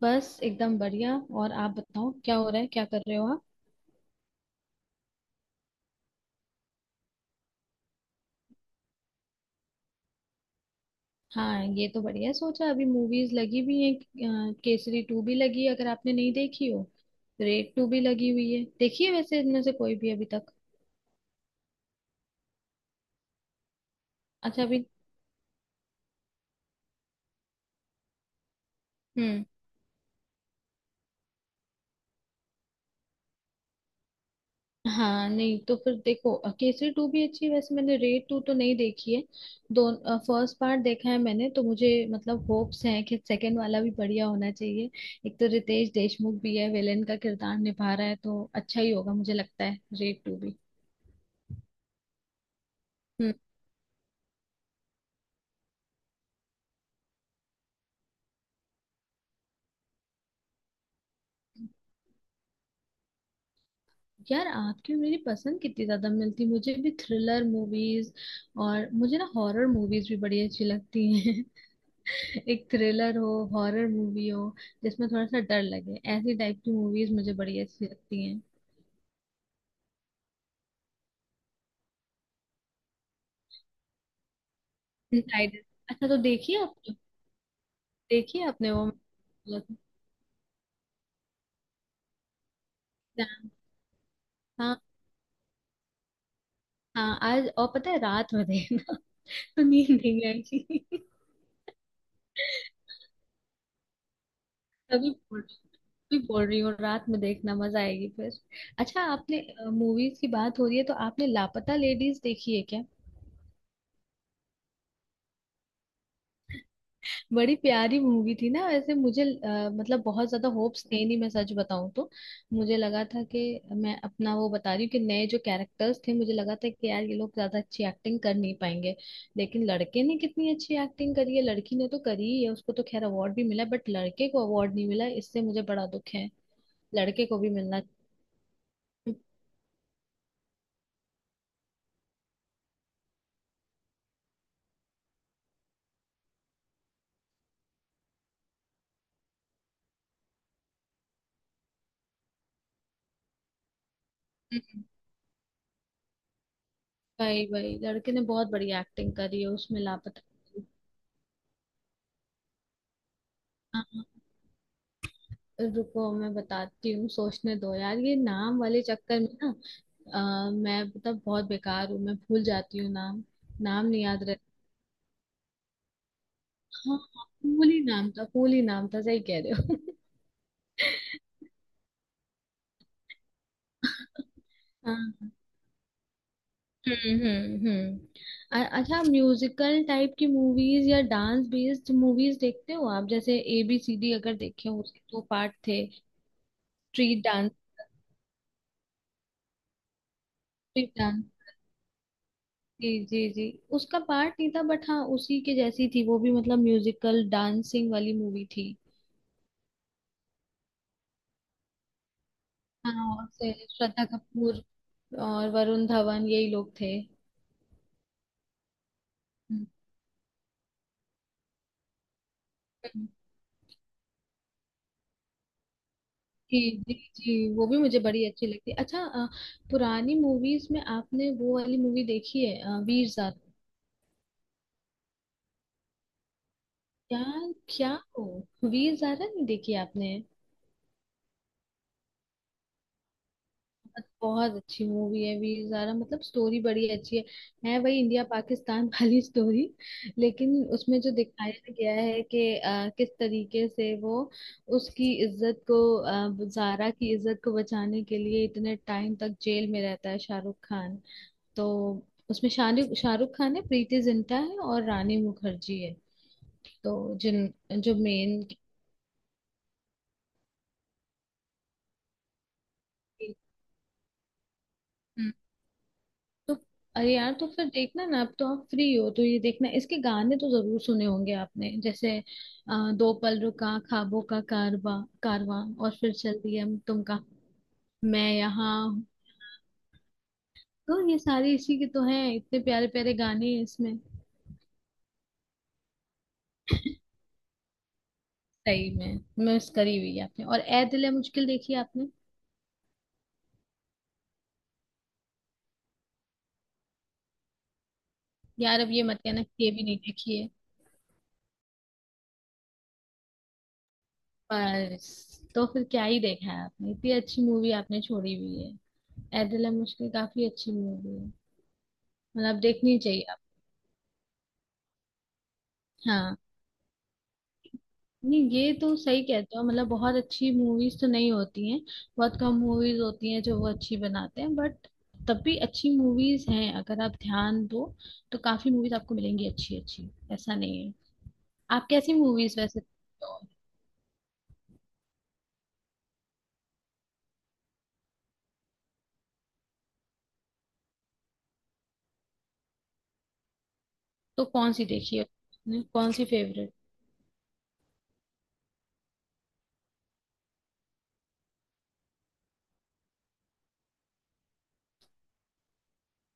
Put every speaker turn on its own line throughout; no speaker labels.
बस एकदम बढ़िया। और आप बताओ क्या हो रहा है, क्या कर रहे हो आप। हाँ, ये तो बढ़िया सोचा। अभी मूवीज लगी हुई हैं। केसरी टू भी लगी है, अगर आपने नहीं देखी हो। रेड टू भी लगी हुई है। देखी है वैसे इनमें से कोई भी अभी तक। अच्छा अभी। हम्म। हाँ, नहीं तो फिर देखो। केसरी टू भी अच्छी है वैसे। मैंने रेड टू तो नहीं देखी है। दो फर्स्ट पार्ट देखा है मैंने, तो मुझे मतलब होप्स हैं कि सेकंड वाला भी बढ़िया होना चाहिए। एक तो रितेश देशमुख भी है, विलेन का किरदार निभा रहा है, तो अच्छा ही होगा मुझे लगता है रेड टू भी। हम्म। यार, आपकी और मेरी पसंद कितनी ज्यादा मिलती है। मुझे भी थ्रिलर मूवीज, और मुझे ना हॉरर मूवीज भी बड़ी अच्छी लगती हैं। एक थ्रिलर हो, हॉरर मूवी हो, जिसमें थोड़ा सा डर लगे, ऐसी टाइप की मूवीज मुझे बड़ी अच्छी लगती हैं। डिसाइडेड। अच्छा, तो देखिए आपने। देखिए आपने वो एग्जाम। हाँ। हाँ, आज, और पता है, रात में देखना। तो नींद नहीं आएगी। तभी बोल रही तभी बोल रही हूँ, रात में देखना, मजा आएगी फिर। अच्छा, आपने मूवीज की बात हो रही है तो आपने लापता लेडीज देखी है क्या। बड़ी प्यारी मूवी थी ना वैसे। मुझे मतलब बहुत ज्यादा होप्स थे नहीं, मैं सच बताऊं तो। मुझे लगा था कि, मैं अपना वो बता रही हूँ, कि नए जो कैरेक्टर्स थे, मुझे लगा था कि यार ये लोग ज्यादा अच्छी एक्टिंग कर नहीं पाएंगे। लेकिन लड़के ने कितनी अच्छी एक्टिंग करी है। लड़की ने तो करी ही है, उसको तो खैर अवार्ड भी मिला, बट लड़के को अवार्ड नहीं मिला, इससे मुझे बड़ा दुख है। लड़के को भी मिलना चाहिए। हम्म। भाई भाई, लड़के ने बहुत बड़ी एक्टिंग करी है उसमें, लापता। रुको, मैं बताती हूँ, सोचने दो। यार, ये नाम वाले चक्कर में ना, मैं मतलब बहुत बेकार हूँ, मैं भूल जाती हूँ नाम। नाम नहीं याद रहता। हाँ हाँ, फूल ही नाम था, फूल ही नाम था, सही कह रहे हो। हाँ। हम्म। अच्छा, म्यूजिकल टाइप की मूवीज या डांस बेस्ड मूवीज देखते हो आप, जैसे ए बी सी डी, अगर देखे हो, उसके दो पार्ट थे। Street dance street dance. जी जी जी। उसका पार्ट नहीं था बट, हाँ, उसी के जैसी थी वो भी, मतलब म्यूजिकल डांसिंग वाली मूवी थी। हाँ, और से श्रद्धा कपूर और वरुण धवन, यही लोग थे। हम्म। हम्म। जी जी जी, वो भी मुझे बड़ी अच्छी लगती। अच्छा, पुरानी मूवीज में आपने वो वाली मूवी देखी है, वीर ज़ारा। क्या। क्या हो। वीर ज़ारा नहीं देखी आपने। बहुत अच्छी मूवी है वीर ज़ारा। मतलब स्टोरी बड़ी अच्छी है वही इंडिया पाकिस्तान वाली स्टोरी। लेकिन उसमें जो दिखाया गया है कि किस तरीके से वो उसकी इज्जत को, ज़ारा की इज्जत को बचाने के लिए इतने टाइम तक जेल में रहता है शाहरुख खान। तो उसमें शाहरुख शाहरुख खान है, प्रीति जिंटा है, और रानी मुखर्जी है। तो जिन, जो मेन। तो अरे यार, तो फिर देखना ना, अब तो आप फ्री हो, तो ये देखना। इसके गाने तो जरूर सुने होंगे आपने, जैसे दो पल रुका ख्वाबों का कारवा, कारवां और फिर चल दिया, हम तुम का। मैं यहाँ हूँ। तो ये सारे इसी के तो हैं, इतने प्यारे प्यारे गाने हैं इसमें। सही में मिस करी हुई है आपने। और ए दिल है मुश्किल देखी है आपने। यार, अब ये मत कहना कि ये भी नहीं देखी है। बस, तो फिर क्या ही देखा है आपने, इतनी अच्छी मूवी आपने छोड़ी हुई है। ए दिल है मुश्किल काफी अच्छी मूवी है, मतलब देखनी चाहिए। हाँ, नहीं, ये तो सही कहते हो, मतलब बहुत अच्छी मूवीज तो नहीं होती हैं। बहुत कम मूवीज होती हैं जो वो अच्छी बनाते हैं, बट तब भी अच्छी मूवीज हैं, अगर आप ध्यान दो, तो काफी मूवीज आपको मिलेंगी अच्छी अच्छी, ऐसा नहीं है। आप कैसी मूवीज वैसे। तो कौन सी देखी है आपने? कौन सी फेवरेट?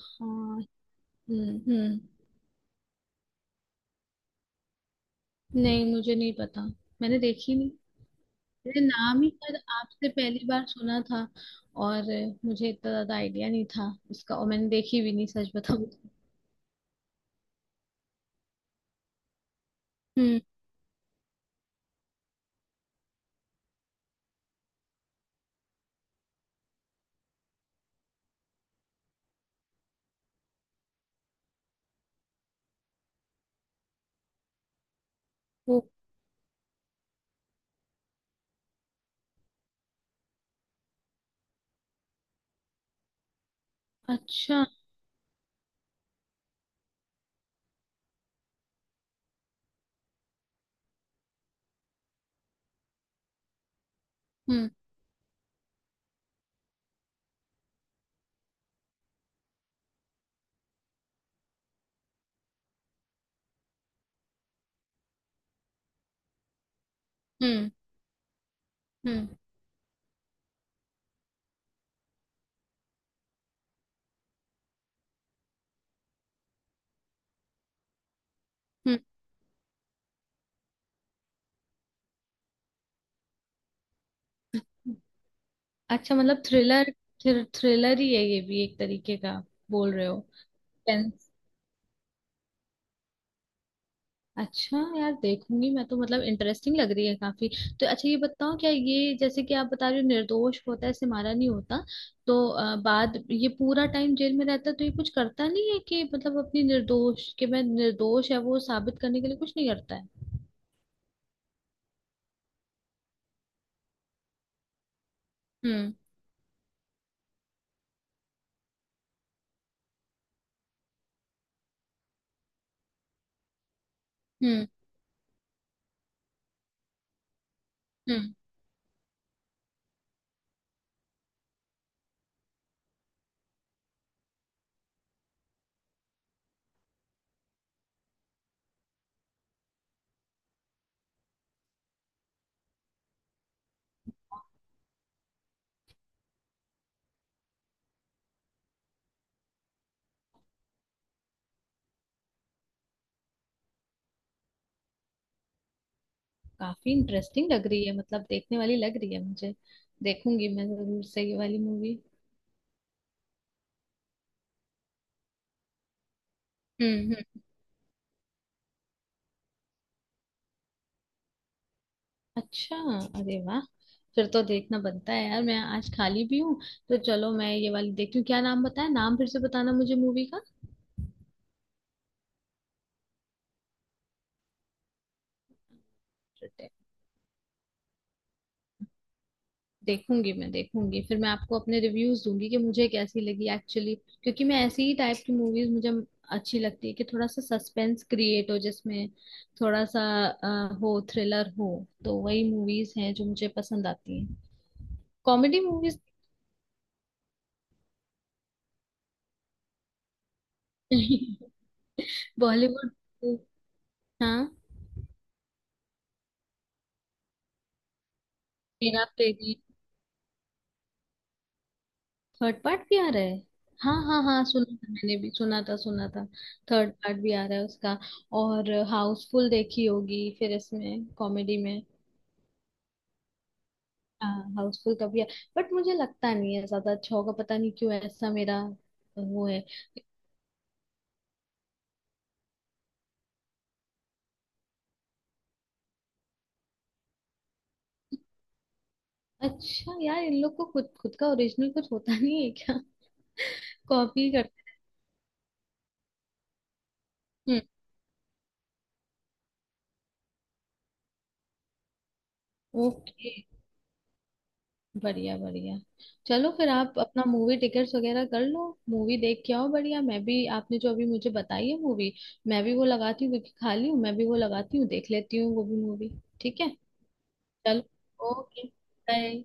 हाँ। हम्म। नहीं, मुझे नहीं पता, मैंने देखी नहीं। मेरे नाम ही शायद आपसे पहली बार सुना था, और मुझे इतना ज्यादा आइडिया नहीं था इसका, और मैंने देखी भी नहीं सच बताऊं तो। हम्म। वो। अच्छा। हम्म हम्म हम्म। हम्म। हम्म। अच्छा मतलब थ्रिलर। थ्रिलर ही है ये भी एक तरीके का। बोल रहे हो। टेंस। अच्छा यार, देखूंगी मैं तो, मतलब इंटरेस्टिंग लग रही है काफी। तो अच्छा ये बताओ, क्या ये, जैसे कि आप बता रहे हो, निर्दोष होता है, इसे मारा नहीं होता, तो बाद ये पूरा टाइम जेल में रहता है, तो ये कुछ करता नहीं है कि मतलब अपनी निर्दोष कि मैं निर्दोष है वो साबित करने के लिए कुछ नहीं करता है। हम्म। हम्म। हम्म। काफी इंटरेस्टिंग लग रही है, मतलब देखने वाली लग रही है मुझे। देखूंगी मैं जरूर से ये वाली मूवी। हम्म। अच्छा। अरे वाह, फिर तो देखना बनता है। यार, मैं आज खाली भी हूँ, तो चलो मैं ये वाली देखती हूँ। क्या नाम बताया, नाम फिर से बताना मुझे, मूवी का। देखूंगी मैं, देखूंगी, फिर मैं आपको अपने रिव्यूज दूंगी कि मुझे कैसी लगी एक्चुअली। क्योंकि मैं ऐसी ही टाइप की मूवीज मुझे अच्छी लगती है, कि थोड़ा सा सस्पेंस क्रिएट हो जिसमें, थोड़ा सा हो, थ्रिलर हो, तो वही मूवीज हैं जो मुझे पसंद आती हैं। Comedy movies. बॉलीवुड। हाँ। मेरा तेरी थर्ड पार्ट भी आ रहा है। हाँ हाँ हाँ, सुना था, मैंने भी सुना था, सुना था। थर्ड पार्ट भी आ रहा है उसका। और हाउसफुल देखी होगी फिर इसमें कॉमेडी में। हाँ, हाउसफुल का भी है, बट मुझे लगता नहीं है ज्यादा अच्छा होगा, पता नहीं क्यों ऐसा मेरा वो है। अच्छा यार, इन लोग को खुद खुद का ओरिजिनल कुछ होता नहीं है क्या। कॉपी करते हैं। ओके। बढ़िया बढ़िया। चलो, फिर आप अपना मूवी टिकट्स वगैरह कर लो, मूवी देख के आओ, बढ़िया। मैं भी आपने जो अभी मुझे बताई है मूवी, मैं भी वो लगाती हूँ, क्योंकि खाली हूँ, मैं भी वो लगाती हूँ, देख लेती हूँ वो भी मूवी। ठीक है। चलो। ओके। बाय।